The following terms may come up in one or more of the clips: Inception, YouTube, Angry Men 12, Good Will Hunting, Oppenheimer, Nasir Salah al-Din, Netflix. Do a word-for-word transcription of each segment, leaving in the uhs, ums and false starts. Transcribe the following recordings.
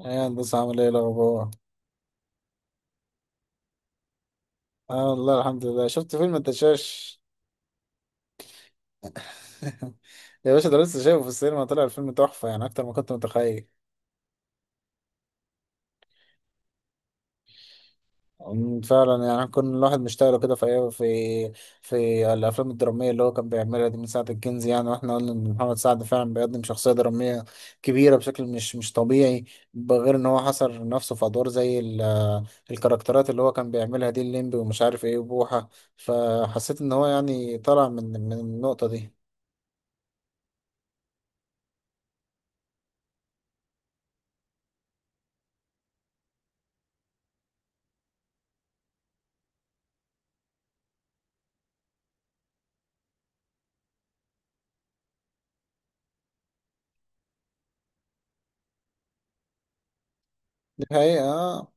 ايه هندسة؟ عامل ايه الأخبار؟ اه، والله الحمد لله، شفت فيلم الدشاش. يا باشا ده لسه شايفه في السينما، طلع الفيلم تحفة يعني أكتر ما كنت متخيل. أمم، فعلا، يعني كل الواحد مشتاق له كده في أيام- في في الأفلام الدرامية اللي هو كان بيعملها دي من ساعة الكنز، يعني واحنا قلنا إن محمد سعد فعلا بيقدم شخصية درامية كبيرة بشكل مش مش طبيعي، بغير إن هو حصر نفسه في أدوار زي ال- الكاركترات اللي هو كان بيعملها دي، الليمبي ومش عارف ايه وبوحة. فحسيت إن هو يعني طلع من من النقطة دي. دي حقيقة، آه.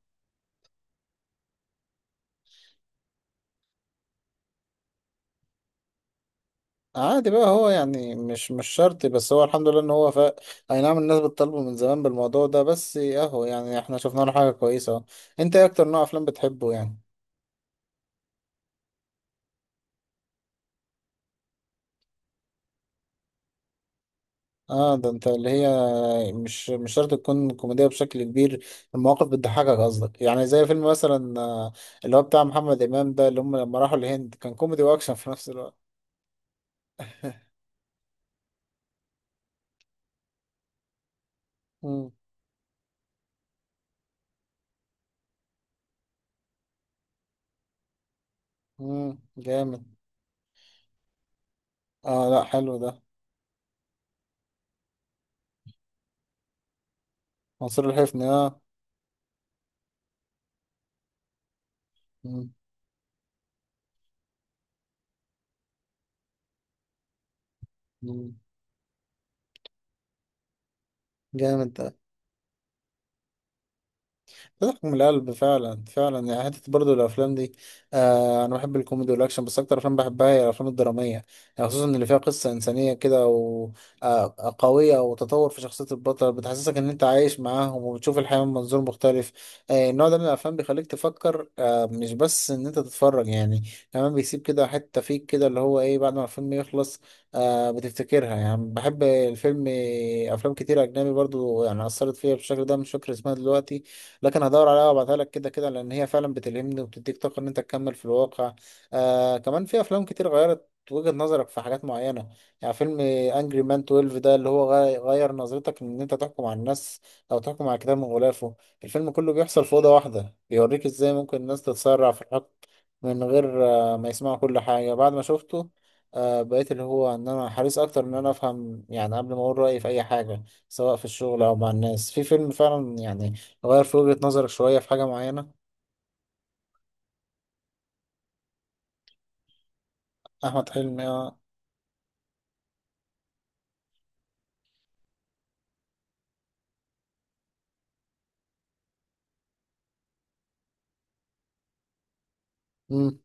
عادي بقى، هو يعني مش مش شرط، بس هو الحمد لله ان هو ف... اي نعم، الناس بتطالبه من زمان بالموضوع ده، بس اهو يعني احنا شفنا له حاجة كويسة أهو. انت ايه اكتر نوع افلام بتحبه يعني؟ اه، ده انت اللي هي مش مش شرط تكون كوميدية بشكل كبير، المواقف بتضحكك قصدك، يعني زي فيلم مثلا، آه، اللي هو بتاع محمد امام ده، اللي هم لما راحوا الهند، كان كوميدي واكشن في نفس الوقت. امم امم جامد. اه، لا حلو ده. منصور الحفني، اه. مم. مم. جامد. بتحكم القلب، فعلا فعلا، يعني حتة برضو الأفلام دي. آه أنا بحب الكوميدي والأكشن، بس أكتر أفلام بحبها هي الأفلام الدرامية، يعني خصوصا اللي فيها قصة إنسانية كده، و آه آه، قوية، وتطور في شخصية البطل، بتحسسك إن أنت عايش معاهم وبتشوف الحياة من منظور مختلف. آه النوع ده من الأفلام بيخليك تفكر، آه مش بس إن أنت تتفرج يعني، كمان بيسيب كده حتة فيك، كده اللي هو إيه بعد ما الفيلم يخلص. آه بتفتكرها، يعني بحب الفيلم. أفلام كتير أجنبي برضو يعني أثرت فيا بالشكل ده، مش فاكر اسمها دلوقتي، لكن هدور عليها وابعتها لك، كده كده لان هي فعلا بتلهمني وبتديك طاقه ان انت تكمل في الواقع. آه كمان في افلام كتير غيرت وجهة نظرك في حاجات معينة. يعني فيلم انجري مان اثنا عشر ده، اللي هو غي- غير نظرتك ان انت تحكم على الناس، او تحكم على كتاب من غلافه. الفيلم كله بيحصل في أوضة واحدة، بيوريك ازاي ممكن الناس تتسرع في الحكم من غير آه، ما يسمعوا كل حاجة. بعد ما شفته آه، بقيت اللي هو ان انا حريص اكتر ان انا افهم، يعني قبل ما اقول رأيي في اي حاجة، سواء في الشغل او مع الناس. في فيلم فعلا يعني غير في وجهة نظرك شوية في حاجة معينة. أحمد حلمي، اه. مم.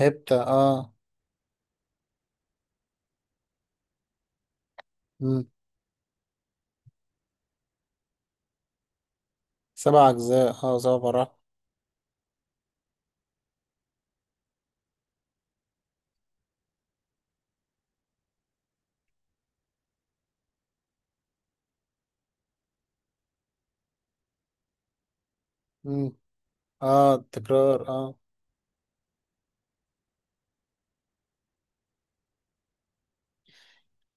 هبتة، اه. مم. سبع أجزاء، اه زبرة. مم. اه، التكرار، اه.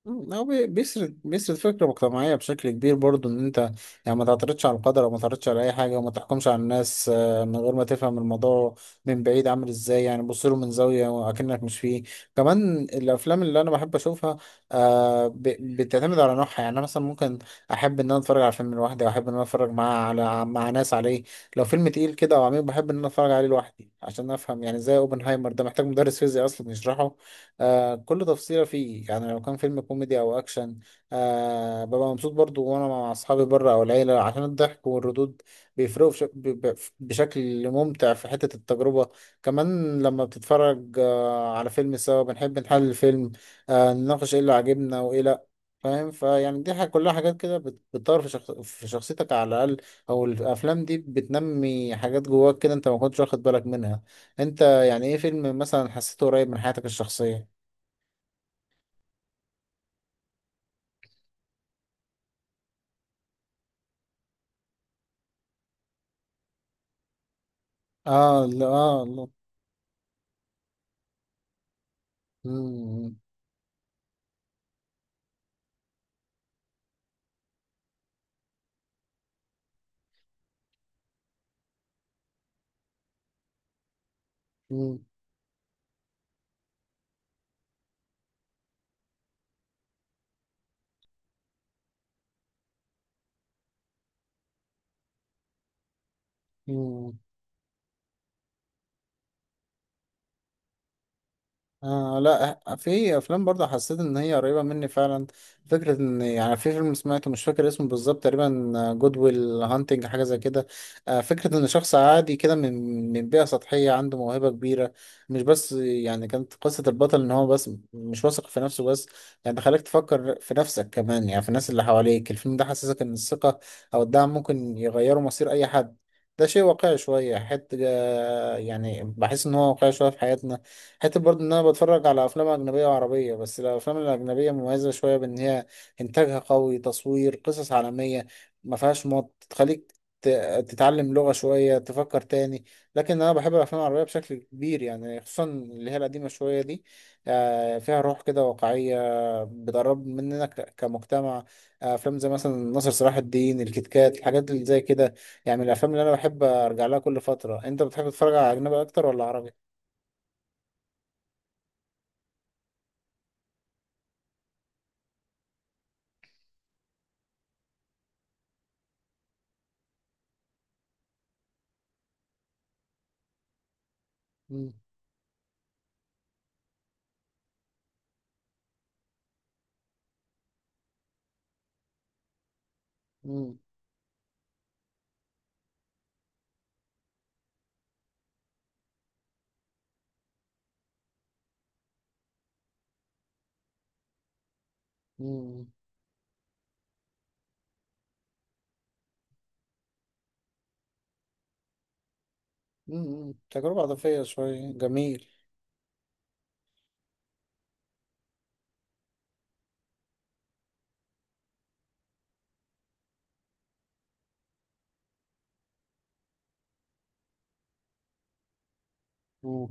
مم، هو بي- بيسرد بيسرد فكرة مجتمعية بشكل كبير برضو، ان انت يعني ما تعترضش على القدر، او ما تعترضش على اي حاجة، وما تحكمش على الناس آه، من غير ما تفهم الموضوع، من بعيد عامل ازاي، يعني بص له من زاوية وأكنك مش فيه. كمان الافلام اللي انا بحب اشوفها آه، ب- بتعتمد على نوعها، يعني انا مثلا ممكن احب ان انا اتفرج على فيلم لوحدي، او احب ان انا اتفرج مع على مع ناس عليه. لو فيلم تقيل كده او عميق بحب ان انا اتفرج عليه لوحدي عشان افهم، يعني زي اوبنهايمر ده محتاج مدرس فيزياء اصلا يشرحه. آه كل تفصيلة فيه، يعني. لو كان فيلم كوميدي أو أكشن، آه ببقى مبسوط برضو وأنا مع أصحابي بره أو العيلة عشان الضحك والردود بيفرقوا بش- ب- ب- بشكل ممتع في حتة التجربة. كمان لما بتتفرج آه على فيلم سوا، بنحب نحلل الفيلم، آه نناقش إيه اللي عجبنا وإيه لأ. فاهم؟ فيعني دي حاجة، كلها حاجات كده بت- بتطور في, شخص... في شخصيتك على الأقل، أو الأفلام دي بتنمي حاجات جواك كده أنت ما كنتش واخد بالك منها. أنت يعني إيه فيلم مثلا حسيته قريب من حياتك الشخصية؟ اه لا، اه لا. مم، مم، مم. آه لا، في افلام برضه حسيت ان هي قريبه مني فعلا. فكره ان، يعني في فيلم سمعته مش فاكر اسمه بالظبط، تقريبا جود ويل هانتنج، حاجه زي كده. آه فكره ان شخص عادي كده من من بيئه سطحيه عنده موهبه كبيره، مش بس. يعني كانت قصه البطل ان هو بس مش واثق في نفسه، بس يعني خليك تفكر في نفسك كمان، يعني في الناس اللي حواليك. الفيلم ده حسسك ان الثقه او الدعم ممكن يغيروا مصير اي حد. ده شيء واقعي شويه، حته آه، يعني بحس ان هو واقعي شويه في حياتنا. حتى برضه ان انا بتفرج على افلام اجنبيه وعربيه، بس الافلام الاجنبيه مميزه شويه بان هي انتاجها قوي، تصوير قصص عالميه، ما فيهاش مط تخليك ت- تتعلم لغه شويه، تفكر تاني. لكن انا بحب الافلام العربيه بشكل كبير، يعني خصوصا اللي هي القديمه شويه دي، آه، فيها روح كده واقعيه، بتقرب مننا ك- كمجتمع. آه، افلام زي مثلا ناصر صلاح الدين، الكتكات، الحاجات اللي زي كده، يعني من الافلام اللي انا بحب ارجع لها كل فتره. انت بتحب تتفرج على اجنبي اكتر ولا عربي؟ مم. مم. مم. مم. تجربة عاطفية شوية، جميل. مم.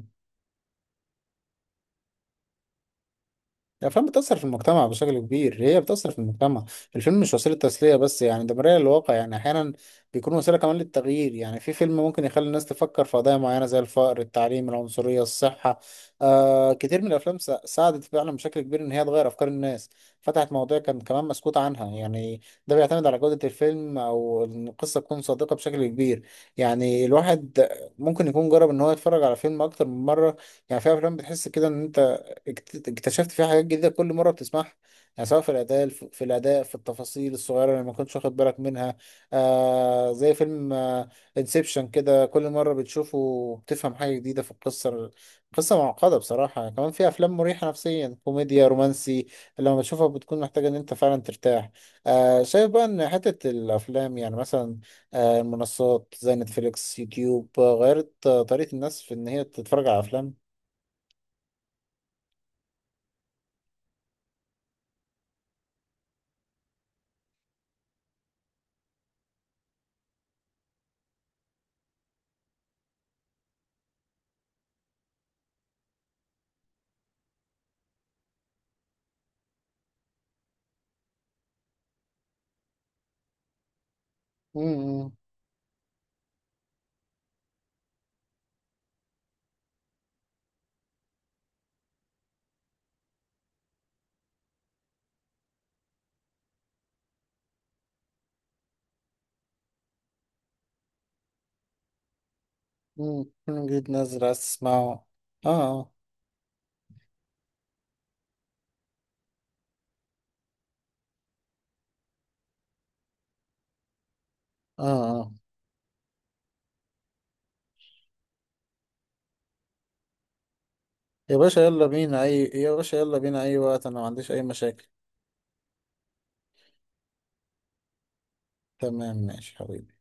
الأفلام بتأثر في المجتمع بشكل كبير، هي بتأثر في المجتمع. الفيلم مش وسيلة تسلية بس، يعني ده مراية للواقع، يعني أحيانا بيكون وسيلة كمان للتغيير. يعني في فيلم ممكن يخلي الناس تفكر في قضايا معينة زي الفقر، التعليم، العنصرية، الصحة. آه كتير من الأفلام سا- ساعدت فعلا بشكل كبير إن هي تغير أفكار الناس، فتحت مواضيع كان كمان مسكوت عنها، يعني ده بيعتمد على جودة الفيلم أو إن القصة تكون صادقة بشكل كبير. يعني الواحد ممكن يكون جرب إن هو يتفرج على فيلم أكتر من مرة. يعني في أفلام بتحس كده إن أنت اكت- اكتشفت فيها حاجات جديدة كل مرة بتسمعها، يعني سواء في الأداء، في الأداء في التفاصيل الصغيرة اللي ما كنتش واخد بالك منها. آه زي فيلم انسبشن كده، كل مرة بتشوفه بتفهم حاجة جديدة في القصة. قصة معقدة بصراحة. كمان في أفلام مريحة نفسيا، كوميديا، رومانسي، لما بتشوفها بتكون محتاجة إن أنت فعلا ترتاح. آه شايف بقى إن حتة الأفلام، يعني مثلا آه المنصات زي نتفليكس، يوتيوب، آه، غيرت آه، طريقة الناس في إن هي تتفرج على أفلام؟ مم، جيت نازل عايز تسمعه. اه اه، اه اه. يا باشا يلا بينا اي يا باشا يلا بينا، اي وقت، انا ما عنديش اي مشاكل. تمام، ماشي حبيبي.